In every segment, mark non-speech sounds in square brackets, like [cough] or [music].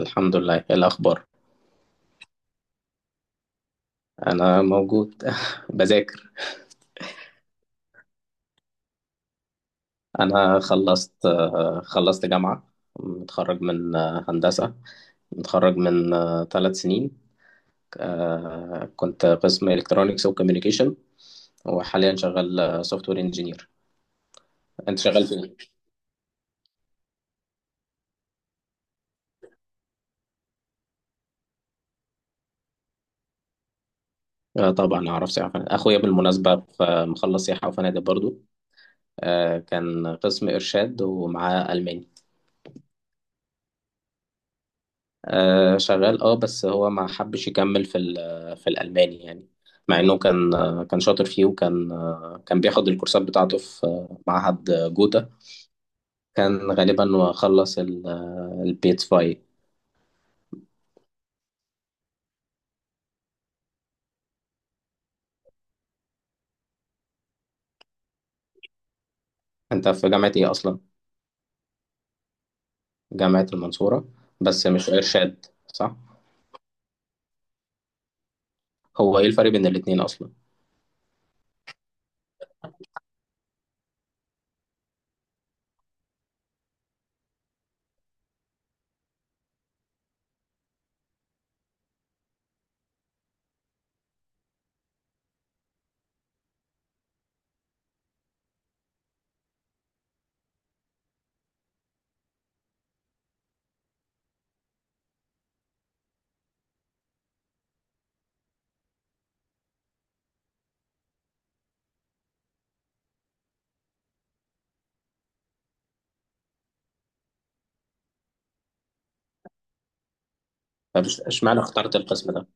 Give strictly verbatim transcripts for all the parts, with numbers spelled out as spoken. الحمد لله، إيه الأخبار؟ أنا موجود [laughs] بذاكر. أنا خلصت آه، خلصت جامعة. متخرج من آه، هندسة. متخرج من ثلاث سنين. آه، كنت قسم إلكترونيكس وكوميونيكيشن، وحاليا شغال سوفت وير انجينير. أنت شغال فين؟ آه، طبعا أعرف سياحة وفنادق. أخويا بالمناسبة ف- مخلص سياحة وفنادق برضو. آه، كان قسم إرشاد ومعاه ألماني. آه شغال، اه بس هو ما حبش يكمل في ال- في الألماني يعني. مع انه كان آه، كان شاطر فيه، وكان آه، كان بياخد الكورسات بتاعته في آه، معهد آه، جوتا. كان غالبا، وخلص ال- آه، البيت فاي. انت في جامعة ايه اصلا؟ جامعة المنصورة، بس مش ارشاد، صح؟ هو ايه الفرق بين الاتنين اصلا؟ طب إش- اشمعنى اخترت القسم ده؟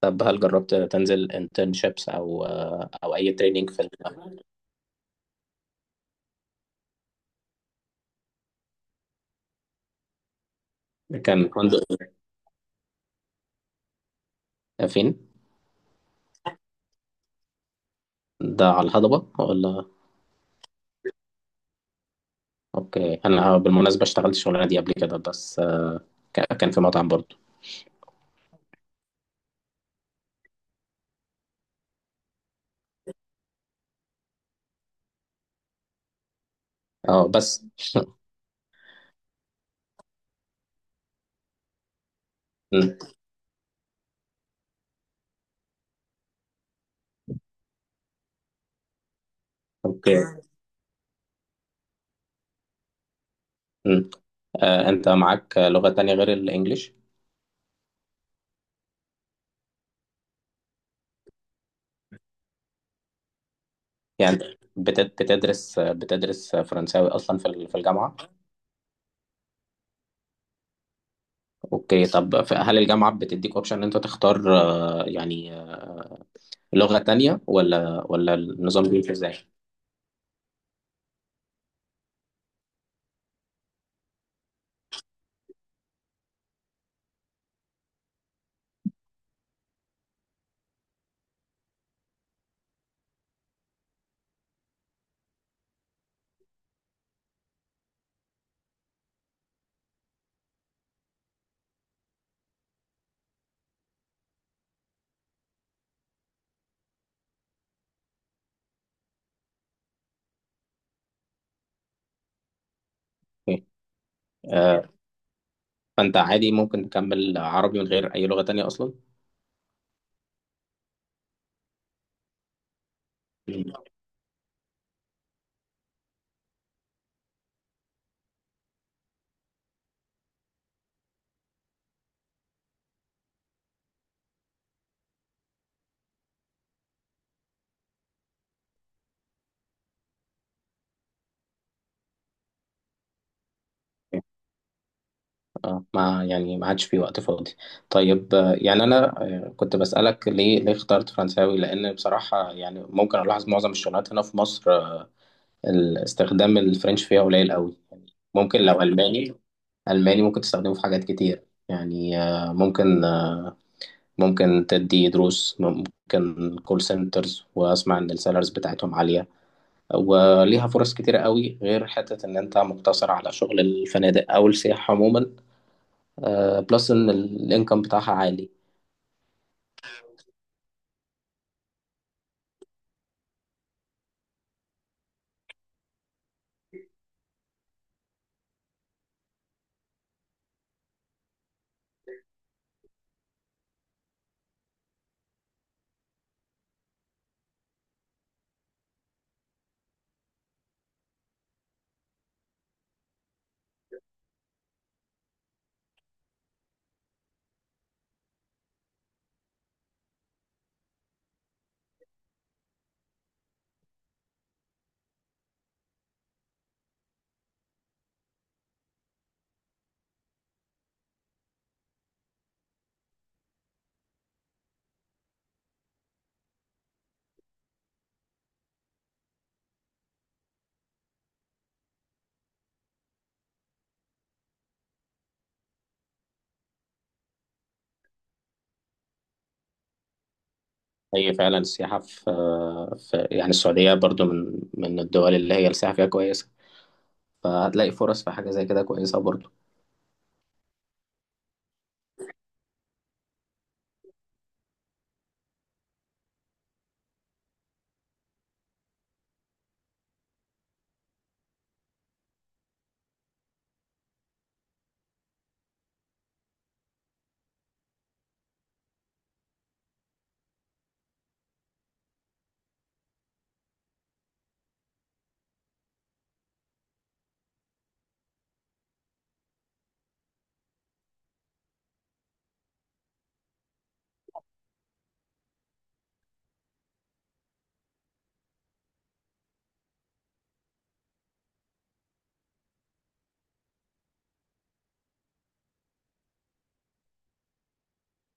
طب هل جربت تنزل انترنشيبس او آه، او اي تريننج في ال- كان فندق؟ فين؟ ده على الهضبة، ولا؟ اوكي، انا آه، بالمناسبة اشتغلت الشغلانة دي قبل كده، بس آه، ك- كان في مطعم برضو. اه بس [laughs] مم. اوكي. مم. آه، انت معاك لغة تانية غير الانجليش؟ يعني أنت بت- بتدرس بتدرس فرنساوي اصلا في ال- في الجامعة؟ اوكي، طب ف- هل الجامعة بتديك اوبشن ان انت تختار آه، يعني لغة تانية ولا ولا النظام بيمشي ازاي؟ أوكي. آه، فانت عادي ممكن تكمل عربي من غير اي لغة تانية اصلا؟ مم. اه ما يعني ما عادش في وقت فاضي. طيب آه، يعني انا آه، كنت بسألك ليه ليه اخترت فرنساوي، لان بصراحة يعني ممكن الاحظ معظم الشغلات هنا في مصر آه، ال- استخدام الفرنش فيها قليل قوي يعني. ممكن لو الماني. الماني ممكن تستخدمه في حاجات كتير. يعني آه، ممكن آه، ممكن تدي دروس، ممكن كول سنترز، واسمع ان السالاريز بتاعتهم عالية، وليها فرص كتيرة قوي، غير حتة ان انت مقتصر على شغل الفنادق او السياحة عموما، بلس ان الانكم بتاعها عالي. هي فعلا السياحة في, آه، في يعني السعودية، برضو من من الدول اللي هي السياحة فيها كويسة، فهتلاقي فرص في حاجة زي كده كويسة برضو.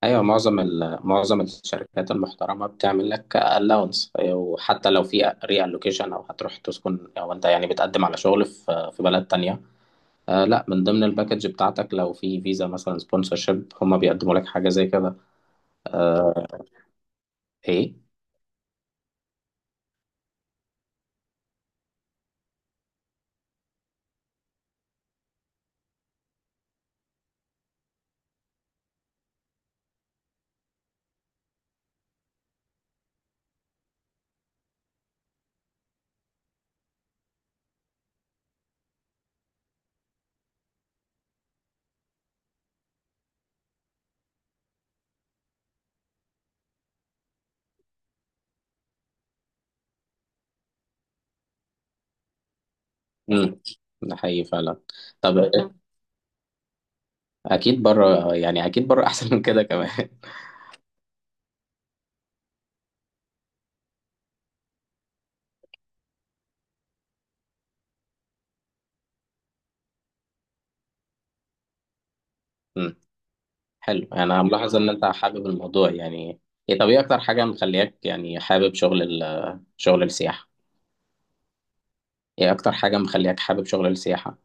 أيوة، معظم ال- معظم الشركات المحترمة بتعمل لك allowance، وحتى لو في reallocation أو هتروح تسكن أو أنت يعني بتقدم على شغل في في بلد تانية. آه لا، من ضمن الباكج بتاعتك لو في فيزا مثلا سبونسرشيب هما بيقدموا لك حاجة زي كده. آه، إيه؟ مم. ده حقيقي فعلا. طب اكيد بره، يعني اكيد بره احسن من كده كمان. [laughs] مم. حلو، انا ملاحظ ان انت حابب الموضوع يعني. ايه، طب ايه اكتر حاجه مخلياك يعني حابب شغل ال... شغل السياحه؟ ايه اكتر حاجه مخلياك حابب شغل السياحه؟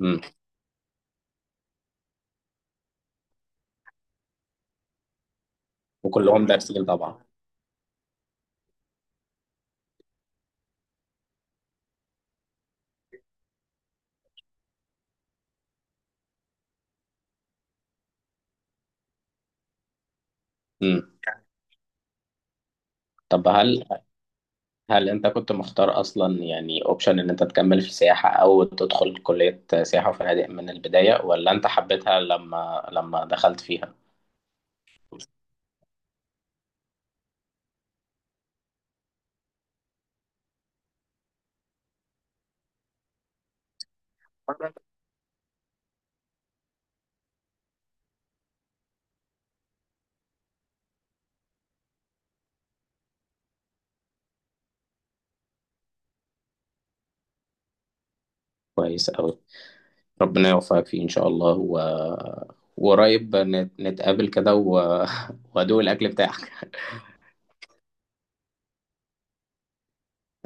امم. وكلهم دارسين طبعا؟ امم. طب هل هل انت كنت مختار اصلا يعني اوبشن ان انت تكمل في سياحه او تدخل كليه سياحه وفنادق من البدايه، ولا انت حبيتها لما لما دخلت فيها؟ كويس أوي، ربنا يوفقك فيه إن شاء الله و... وقريب نت... نتقابل كده و... [laughs] وأدوق الأكل بتاعك [laughs]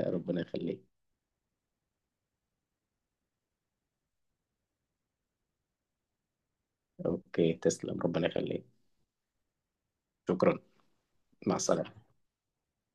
ربنا يخليك. أوكي، تسلم، ربنا يخليك. شكرا. مع السلامة.